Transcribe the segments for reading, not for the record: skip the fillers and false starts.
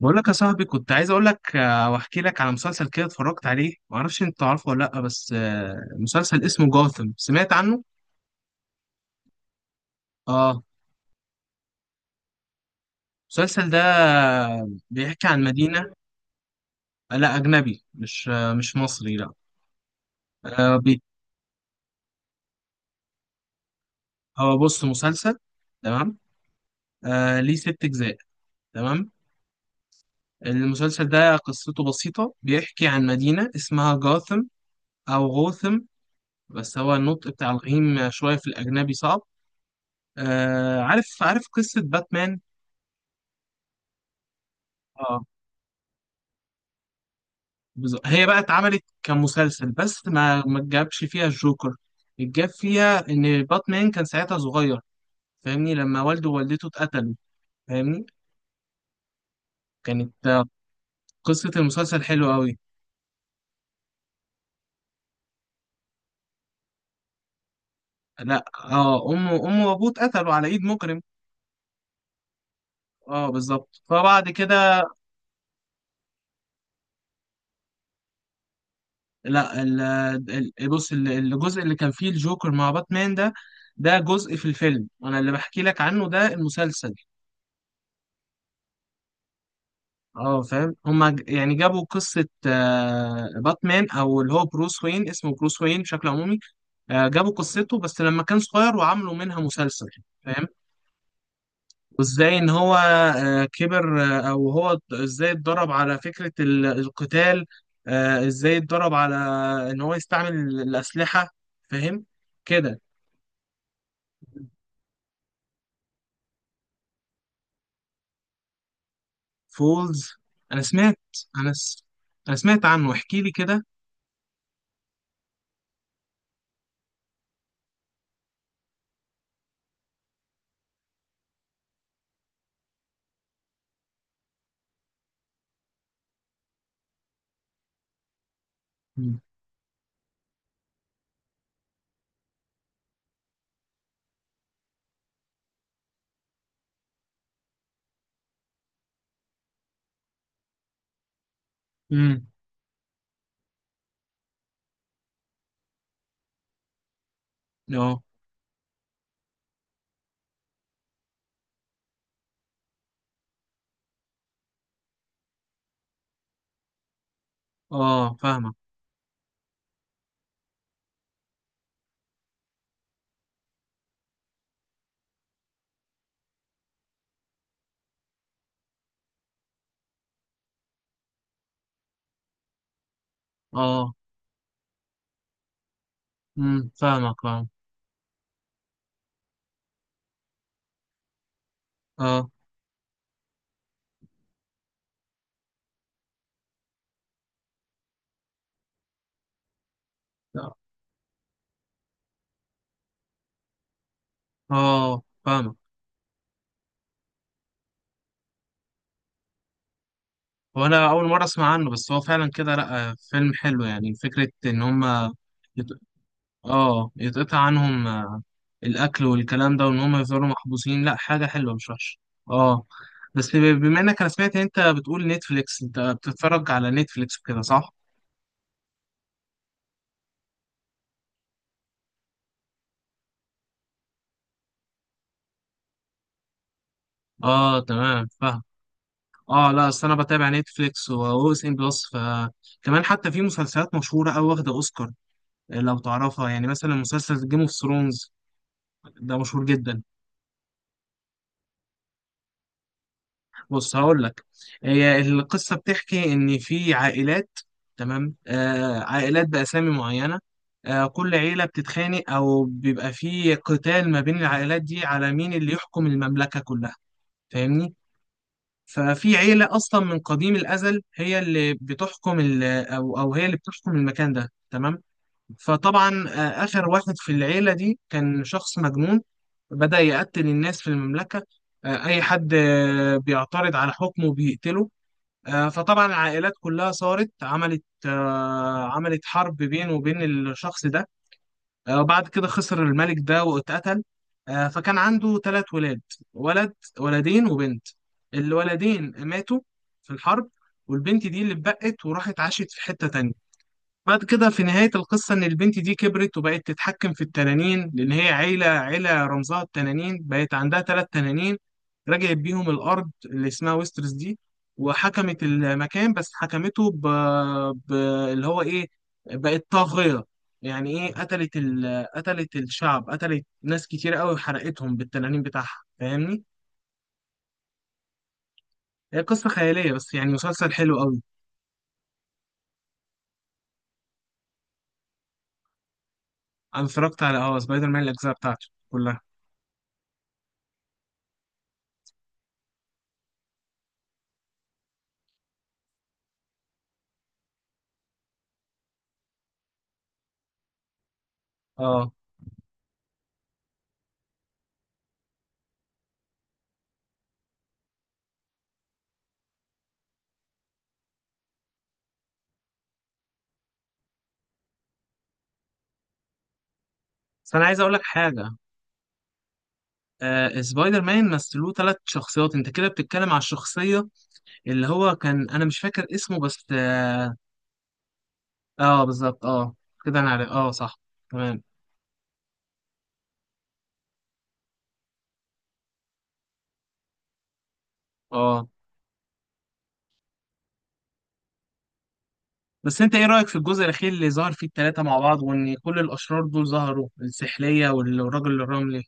بقول لك يا صاحبي كنت عايز اقول لك واحكي لك على مسلسل كده اتفرجت عليه ما اعرفش انت عارفه ولا لا بس مسلسل اسمه جوثم سمعت عنه. اه المسلسل ده بيحكي عن مدينة. لا اجنبي مش مش مصري لا. آه، بي- هو بص مسلسل. تمام. ليه ست اجزاء. تمام. المسلسل ده قصته بسيطة بيحكي عن مدينة اسمها جوثم او غوثم، بس هو النطق بتاع الغيم شوية في الاجنبي صعب. عارف عارف قصة باتمان. آه. هي بقى اتعملت كمسلسل بس ما جابش فيها الجوكر. الجاب فيها ان باتمان كان ساعتها صغير، فاهمني لما والده ووالدته اتقتلوا. فاهمني. كانت قصة المسلسل حلوة قوي. لا اه امه وابوه اتقتلوا على ايد مجرم. اه بالظبط، فبعد كده. لا بص الجزء اللي كان فيه الجوكر مع باتمان ده، ده جزء في الفيلم، انا اللي بحكي لك عنه ده المسلسل. اه فاهم، هما يعني جابوا قصة باتمان او اللي هو بروس وين، اسمه بروس وين بشكل عمومي. جابوا قصته بس لما كان صغير وعملوا منها مسلسل. فاهم. وازاي ان هو كبر، او هو ازاي اتدرب على فكرة القتال، ازاي اتدرب على ان هو يستعمل الأسلحة، فاهم كده. فولز. انا سمعت. انا س... انا سمعت عنه، احكي لي كده. مم. امم. اه. اه فاهمة اه. فاهمك اه. اه. لا. اه فاهمك. هو انا اول مره اسمع عنه، بس هو فعلا كده لا، فيلم حلو يعني، فكره ان يت... اه يتقطع عنهم الاكل والكلام ده وان هم يفضلوا محبوسين، لا حاجه حلوه مش وحشه. اه. بس بما انك، انا سمعت إن انت بتقول نتفليكس، انت بتتفرج على نتفليكس وكده صح؟ اه تمام فاهم. اه لا اصل انا بتابع نتفليكس واو اس ان بلس، فكمان حتى في مسلسلات مشهوره او واخده اوسكار، لو تعرفها يعني مثلا مسلسل جيم اوف ثرونز، ده مشهور جدا. بص هقول لك، هي القصه بتحكي ان في عائلات، تمام، آه عائلات باسامي معينه، آه كل عيله بتتخانق او بيبقى في قتال ما بين العائلات دي على مين اللي يحكم المملكه كلها، فاهمني. ففي عيله اصلا من قديم الازل هي اللي بتحكم ال- او او هي اللي بتحكم المكان ده، تمام. فطبعا اخر واحد في العيله دي كان شخص مجنون، بدأ يقتل الناس في المملكة، أي حد بيعترض على حكمه بيقتله، فطبعا العائلات كلها صارت عملت حرب بينه وبين الشخص ده، وبعد كده خسر الملك ده واتقتل. فكان عنده ثلاث ولاد، ولد، ولدين وبنت. الولدين ماتوا في الحرب، والبنت دي اللي اتبقت وراحت عاشت في حتة تانية. بعد كده في نهاية القصة إن البنت دي كبرت وبقت تتحكم في التنانين، لأن هي عيلة رمزها التنانين، بقت عندها ثلاث تنانين، رجعت بيهم الأرض اللي اسمها ويسترس دي، وحكمت المكان بس حكمته ب... اللي هو إيه، بقت طاغية، يعني إيه، قتلت الشعب، قتلت ناس كتير قوي وحرقتهم بالتنانين بتاعها، فاهمني؟ هي قصة خيالية بس يعني مسلسل حلو قوي. أنا اتفرجت على أه سبايدر مان الأجزاء بتاعته كلها. أه. بس أنا عايز أقول لك حاجة. سبايدر مان مثلوه ثلاث شخصيات، انت كده بتتكلم على الشخصية اللي هو كان، انا مش فاكر اسمه بس اه. بالظبط اه، كده انا عارف اه صح. تمام. اه بس انت ايه رأيك في الجزء الاخير اللي ظهر فيه الثلاثة مع بعض، وان كل الاشرار دول ظهروا، السحلية والراجل الرملي؟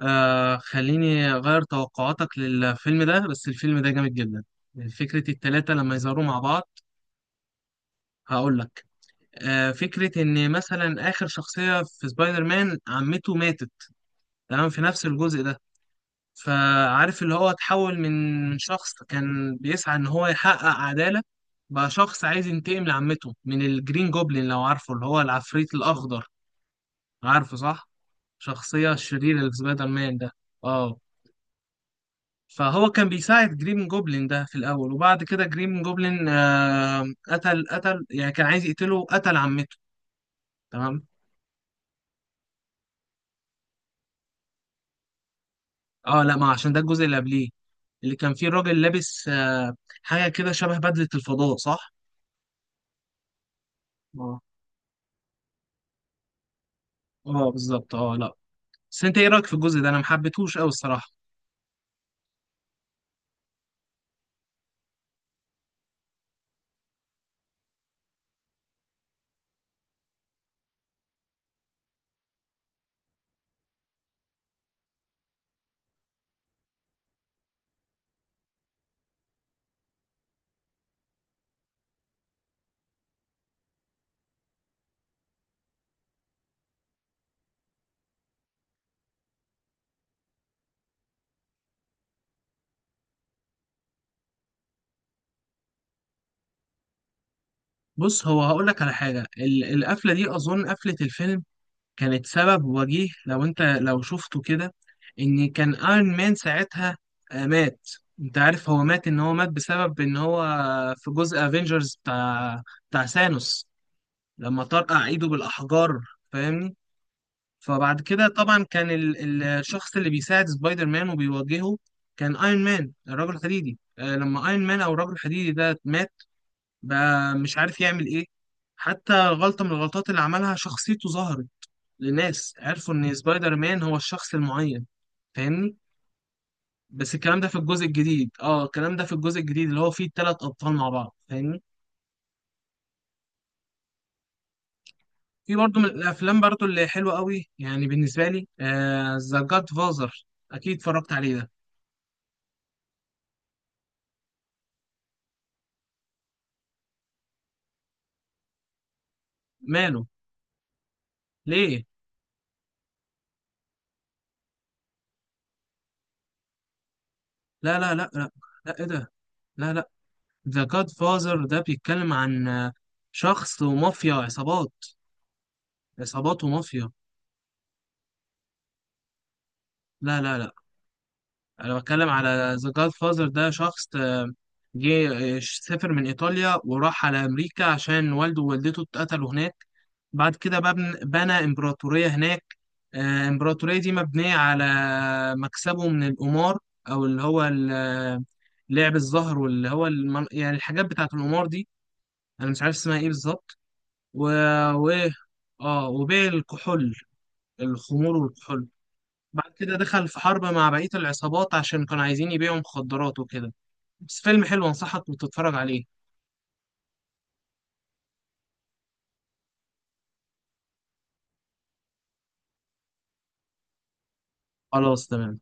آه خليني اغير توقعاتك للفيلم ده، بس الفيلم ده جامد جدا، فكرة الثلاثة لما يظهروا مع بعض. هقول لك، آه فكرة ان مثلا اخر شخصية في سبايدر مان عمته ماتت، تمام، في نفس الجزء ده، فعارف اللي هو اتحول من شخص كان بيسعى ان هو يحقق عدالة، بقى شخص عايز ينتقم لعمته من الجرين جوبلين، لو عارفه اللي هو العفريت الأخضر، عارفه صح؟ شخصية شريرة لسبايدر مان ده. اه. فهو كان بيساعد جرين جوبلين ده في الأول، وبعد كده جرين جوبلين آه قتل يعني كان عايز يقتله، قتل عمته، تمام؟ اه لا ما عشان ده الجزء اللي قبليه، اللي كان فيه الراجل لابس آه حاجة كده شبه بدلة الفضاء، صح؟ اه بالظبط اه، لا بس انت ايه رايك في الجزء ده، انا ما حبيتهوش قوي الصراحه. بص هو هقول لك على حاجه، القفله دي اظن قفله الفيلم كانت سبب وجيه لو انت لو شفته كده، ان كان ايرون مان ساعتها مات. انت عارف هو مات، ان هو مات بسبب ان هو في جزء افنجرز بتاع ثانوس لما طرقع ايده بالاحجار، فاهمني. فبعد كده طبعا كان الشخص اللي بيساعد سبايدر مان وبيواجهه كان ايرون مان الرجل الحديدي، لما ايرون مان او الرجل الحديدي ده مات، بقى مش عارف يعمل ايه، حتى غلطة من الغلطات اللي عملها شخصيته ظهرت لناس، عرفوا ان سبايدر مان هو الشخص المعين، فاهمني. بس الكلام ده في الجزء الجديد، اه الكلام ده في الجزء الجديد اللي هو فيه الثلاث ابطال مع بعض، فاهمني. في برضه من الافلام برضه اللي حلوه قوي يعني بالنسبه لي ذا آه جاد فازر، اكيد اتفرجت عليه ده. ماله؟ ليه؟ لا لا لا لا، لا ايه ده، لا لا، ذا جاد فازر ده بيتكلم عن شخص ومافيا عصابات، عصابات ومافيا. لا لا لا، انا بتكلم على ذا جاد فازر، ده شخص جه سافر من ايطاليا وراح على امريكا عشان والده ووالدته اتقتلوا هناك، بعد كده بقى بنى امبراطورية هناك، الامبراطورية دي مبنية على مكسبه من القمار، او اللي هو لعب الزهر واللي هو يعني الحاجات بتاعت القمار دي، انا مش عارف اسمها ايه بالظبط. و... وايه، اه وبيع الكحول، الخمور والكحول. بعد كده دخل في حرب مع بقية العصابات عشان كانوا عايزين يبيعوا مخدرات وكده، بس فيلم حلو، انصحك وتتفرج عليه. خلاص تمام.